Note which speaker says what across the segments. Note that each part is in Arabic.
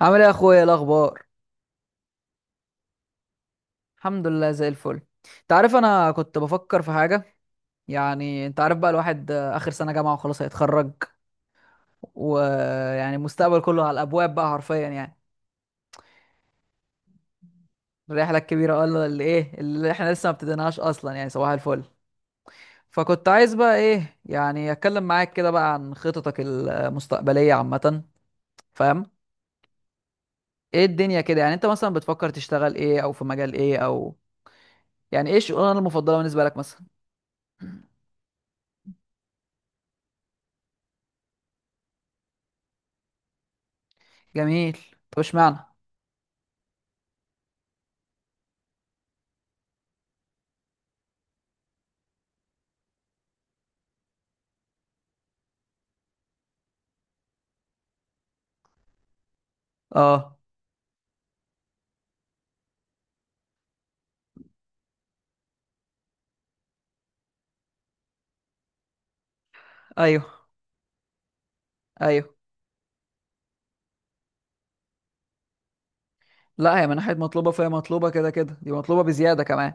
Speaker 1: عامل ايه يا اخويا؟ إيه الاخبار؟ الحمد لله زي الفل. انت عارف، انا كنت بفكر في حاجه. يعني انت عارف بقى الواحد اخر سنه جامعه وخلاص هيتخرج. ويعني المستقبل كله على الابواب بقى حرفيا يعني. الرحله الكبيره ولا اللي ايه اللي احنا لسه ما ابتديناهاش اصلا، يعني صباح الفل. فكنت عايز بقى ايه، يعني اتكلم معاك كده بقى عن خططك المستقبليه عامه، فاهم؟ ايه الدنيا كده؟ يعني انت مثلا بتفكر تشتغل ايه، او في مجال ايه، او يعني ايه الشغلانه المفضله بالنسبه لك مثلا؟ جميل. طب اشمعنى؟ اه. ايوه. ايوه. لا هي من ناحيه مطلوبه، فهي مطلوبه كده كده، دي مطلوبه بزياده كمان.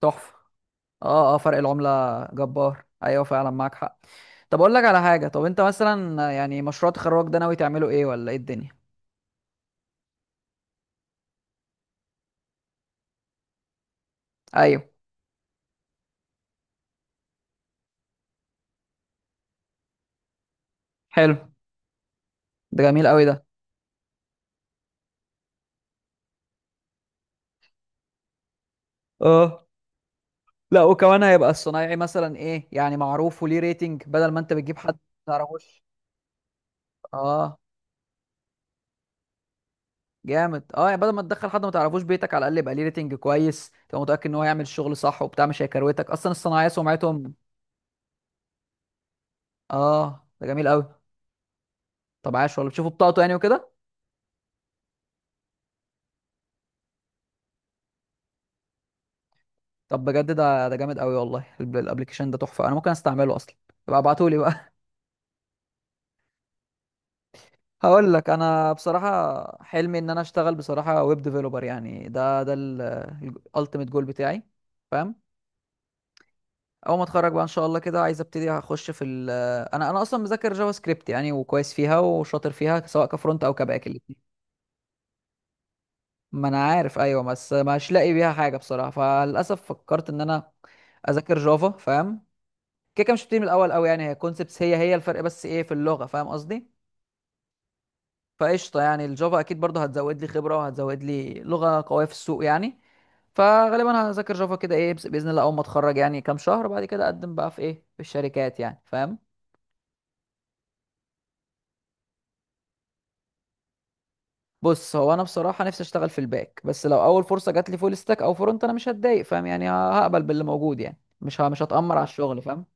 Speaker 1: تحفه. اه اه، فرق العمله جبار. ايوه فعلا معاك حق. طب اقول لك على حاجه، طب انت مثلا يعني مشروع تخرجك ده ناوي تعمله ايه، ولا ايه الدنيا؟ ايوه. حلو. ده جميل قوي ده. اه. لا وكمان هيبقى الصنايعي مثلا ايه، يعني معروف وليه ريتنج، بدل ما انت بتجيب حد ما تعرفوش. اه. جامد. اه يعني بدل ما تدخل حد ما تعرفوش بيتك، على الاقل يبقى ليه ريتنج كويس، تبقى متاكد ان هو هيعمل الشغل صح وبتاع، مش هيكروتك اصلا الصنايعيه، سمعتهم. اه. ده جميل قوي. طب عاش والله، بتشوفوا بطاقته يعني وكده؟ طب بجد ده جامد قوي والله، الابلكيشن ده تحفه، انا ممكن استعمله اصلا. يبقى ابعتولي بقى. هقول لك انا بصراحه، حلمي ان انا اشتغل بصراحه ويب ديفلوبر، يعني ده الالتيميت جول بتاعي، فاهم؟ اول ما اتخرج بقى ان شاء الله كده، عايز ابتدي اخش في ال، انا اصلا مذاكر جافا سكريبت يعني، وكويس فيها وشاطر فيها، سواء كفرونت او كباك الاتنين. ما انا عارف، ايوه، بس مش لاقي بيها حاجه بصراحه، فللاسف فكرت ان انا اذاكر جافا، فاهم؟ كده كده مش بتيجي من الاول قوي يعني، هي كونسبتس، هي الفرق، بس ايه في اللغه، فاهم قصدي؟ فقشطه يعني، الجافا اكيد برضه هتزود لي خبره وهتزود لي لغه قويه في السوق يعني. فغالبا هذاكر جافا كده ايه، باذن الله اول ما اتخرج يعني كام شهر بعد كده، اقدم بقى في ايه، في الشركات يعني، فاهم؟ بص هو انا بصراحه نفسي اشتغل في الباك، بس لو اول فرصه جات لي فول ستاك او فرونت انا مش هتضايق، فاهم يعني، هقبل باللي موجود يعني، مش هتأمر على الشغل، فاهم؟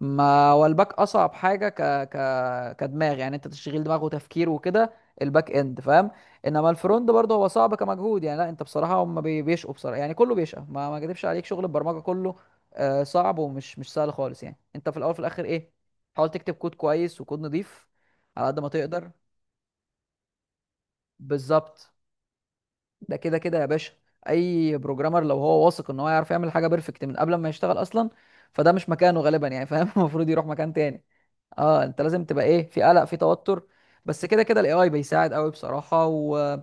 Speaker 1: ما هو الباك اصعب حاجه ك، ك كدماغ، يعني انت تشغيل دماغ وتفكير وكده، الباك اند، فاهم؟ انما الفرونت برضه هو صعب كمجهود يعني، لا انت بصراحه هم بيشقوا بصراحه، يعني كله بيشقى، ما اكدبش عليك شغل البرمجه كله صعب، ومش مش سهل خالص يعني. انت في الاول في الاخر ايه، حاول تكتب كود كويس وكود نظيف على قد ما تقدر. بالظبط، ده كده كده يا باشا، اي بروجرامر لو هو واثق ان هو يعرف يعمل حاجه بيرفكت من قبل ما يشتغل اصلا، فده مش مكانه غالبا يعني، فاهم؟ المفروض يروح مكان تاني. اه انت لازم تبقى ايه، في قلق، في توتر، بس كده كده الاي اي بيساعد قوي بصراحه، و...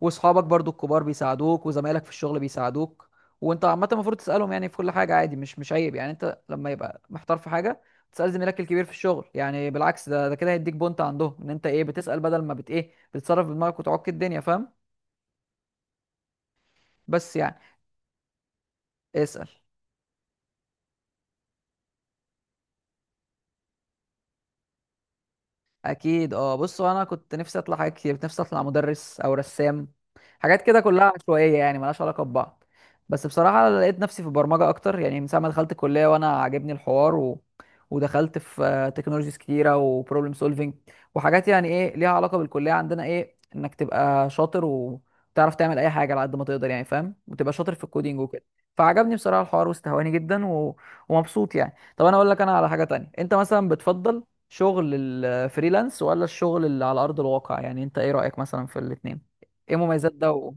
Speaker 1: واصحابك برضو الكبار بيساعدوك، وزمايلك في الشغل بيساعدوك، وانت عامه المفروض تسالهم يعني في كل حاجه عادي، مش عيب يعني، انت لما يبقى محتار في حاجه تسال زميلك الكبير في الشغل يعني، بالعكس، ده كده هيديك بونت عندهم، ان انت ايه، بتسال بدل ما بت ايه، بتتصرف بدماغك وتعك الدنيا، فاهم؟ بس يعني. اسال. اكيد اه. بص انا كنت نفسي اطلع حاجات كتير، كنت نفسي اطلع مدرس او رسام، حاجات كده كلها عشوائيه يعني ملهاش علاقه ببعض. بس بصراحه لقيت نفسي في البرمجه اكتر يعني، من ساعه ما دخلت الكليه وانا عاجبني الحوار، و... ودخلت في تكنولوجيز كتيره وبروبلم سولفينج، وحاجات يعني ايه ليها علاقه بالكليه عندنا، ايه انك تبقى شاطر وتعرف تعمل اي حاجه على قد ما تقدر يعني، فاهم، وتبقى شاطر في الكودينج وكده. فعجبني بصراحه الحوار، واستهواني جدا، و... ومبسوط يعني. طب انا اقول لك انا على حاجه تانية، انت مثلا بتفضل شغل الفريلانس ولا الشغل اللي على ارض الواقع؟ يعني انت ايه رايك مثلا في الاثنين، ايه مميزات ده. و...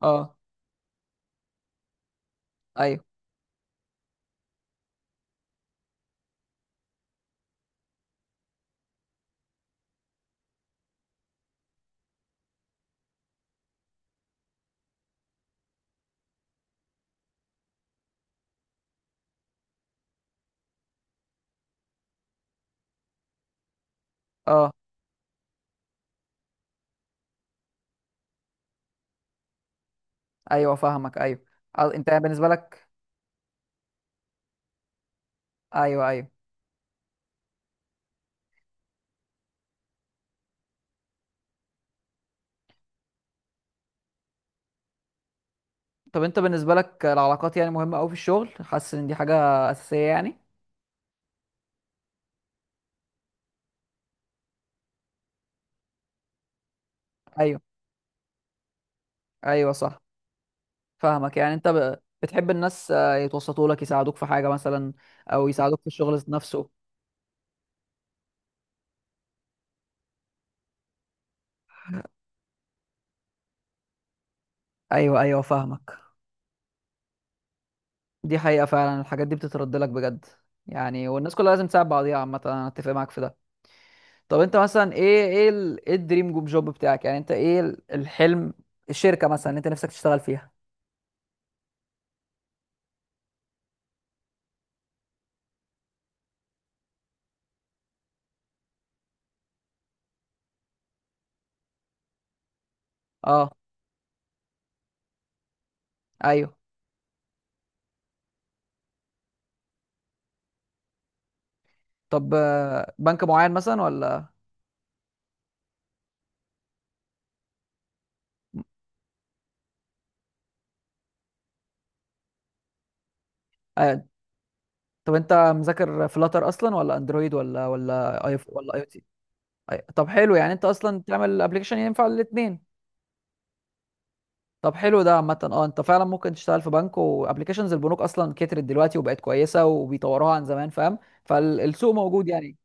Speaker 1: اه. ايوه. اه. ايوه فاهمك. ايوه. انت يعني بالنسبه لك. ايوه ايوه. طب انت بالنسبه لك العلاقات يعني مهمه قوي في الشغل، حاسس ان دي حاجه اساسيه يعني؟ ايوه ايوه صح. فاهمك، يعني انت بتحب الناس يتوسطوا لك، يساعدوك في حاجه مثلا، او يساعدوك في الشغل ذات نفسه. ايوه ايوه فاهمك، دي حقيقه فعلا، الحاجات دي بتترد لك بجد يعني، والناس كلها لازم تساعد بعضيها عامه، انا اتفق معاك في ده. طب انت مثلا ايه، ايه الدريم جوب بتاعك، يعني انت ايه الحلم، الشركة مثلا اللي انت نفسك تشتغل فيها؟ اه. ايوه. طب بنك معين مثلا ولا؟ آه. طب انت مذاكر فلاتر اصلا ولا اندرويد، ولا اي، ولا اي او تي؟ طب حلو، يعني انت اصلا تعمل ابلكيشن ينفع الاثنين. طب حلو ده عامة، اه انت فعلا ممكن تشتغل في بنك، وابلكيشنز البنوك اصلا كترت دلوقتي وبقت كويسة، وبيطوروها عن زمان، فاهم، فالسوق موجود يعني.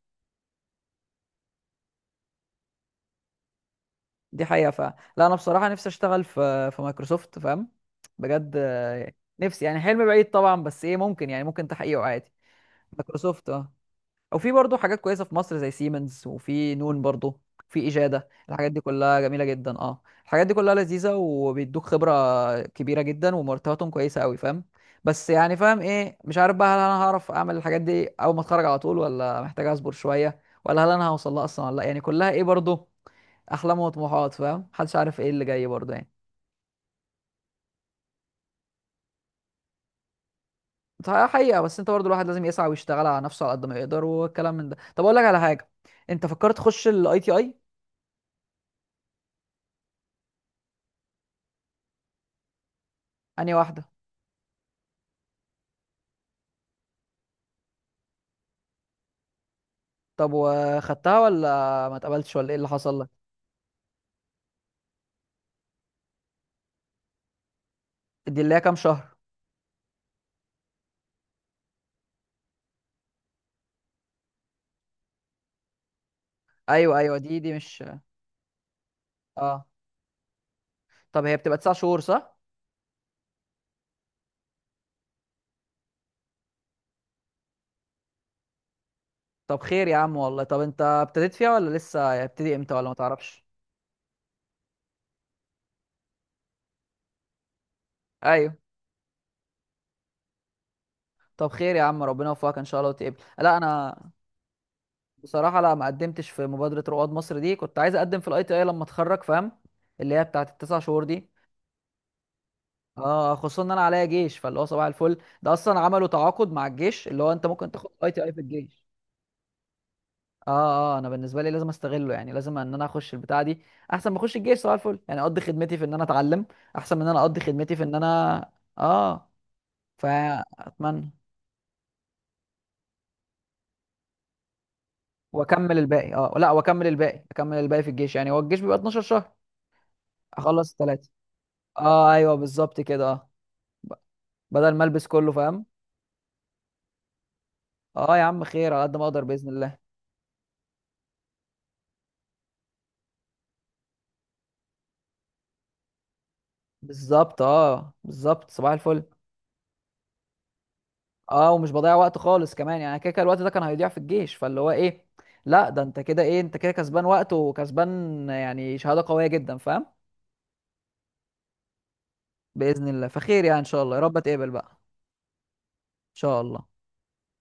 Speaker 1: دي حقيقة. لا أنا بصراحة نفسي أشتغل في مايكروسوفت، فاهم؟ بجد نفسي يعني، حلم بعيد طبعا بس إيه، ممكن يعني، ممكن تحقيقه عادي. مايكروسوفت أه. أو في برضه حاجات كويسة في مصر زي سيمنز، وفي نون برضه، في إجادة، الحاجات دي كلها جميلة جدا. أه الحاجات دي كلها لذيذة وبيدوك خبرة كبيرة جدا، ومرتباتهم كويسة أوي، فاهم؟ بس يعني فاهم إيه، مش عارف بقى هل أنا هعرف أعمل الحاجات دي أول ما أتخرج على طول، ولا محتاج أصبر شوية، ولا هل أنا هوصل لها أصلا ولا لأ، يعني كلها إيه برضه احلام وطموحات، فاهم، محدش عارف ايه اللي جاي برضه يعني. ده حقيقة، بس انت برضه الواحد لازم يسعى ويشتغل على نفسه على قد ما يقدر، والكلام من ده. طب اقول لك على حاجة، انت فكرت تخش الاي تي اي؟ انهي واحدة؟ طب وخدتها ولا ما اتقبلتش، ولا ايه اللي حصل لك؟ دي اللي هي كام شهر؟ ايوه ايوه دي مش. اه. طب هي بتبقى تسع شهور صح؟ طب خير يا عم والله، طب انت ابتديت فيها ولا لسه هيبتدي امتى، ولا ما تعرفش؟ ايوه. طب خير يا عم ربنا يوفقك ان شاء الله، وتقبل لا انا بصراحة لا ما قدمتش في مبادرة رواد مصر دي، كنت عايز اقدم في الاي تي اي لما اتخرج، فاهم، اللي هي بتاعت التسع شهور دي. اه خصوصا ان انا عليا جيش، فاللي هو صباح الفل ده اصلا، عملوا تعاقد مع الجيش اللي هو انت ممكن تاخد اي تي اي في الجيش. اه اه. انا بالنسبة لي لازم استغله، يعني لازم ان انا اخش البتاعة دي، احسن ما اخش الجيش صباح الفل يعني، اقضي خدمتي في ان انا اتعلم احسن من ان انا اقضي خدمتي في ان انا اه فاتمنى. واكمل الباقي. اه لا، واكمل الباقي اكمل الباقي في الجيش يعني، هو الجيش بيبقى 12 شهر، اخلص الثلاثة. اه ايوه بالظبط كده. اه ب- بدل ما البس كله، فاهم؟ اه يا عم خير، على قد ما اقدر باذن الله. بالظبط، بالظبط صباح الفل. اه، ومش بضيع وقت خالص كمان يعني، كده كده الوقت ده كان هيضيع في الجيش، فاللي هو ايه، لا ده انت كده ايه، انت كده كسبان وقت وكسبان، يعني شهاده قويه جدا، فاهم، باذن الله. فخير يعني ان شاء الله، يا رب اتقبل بقى ان شاء الله.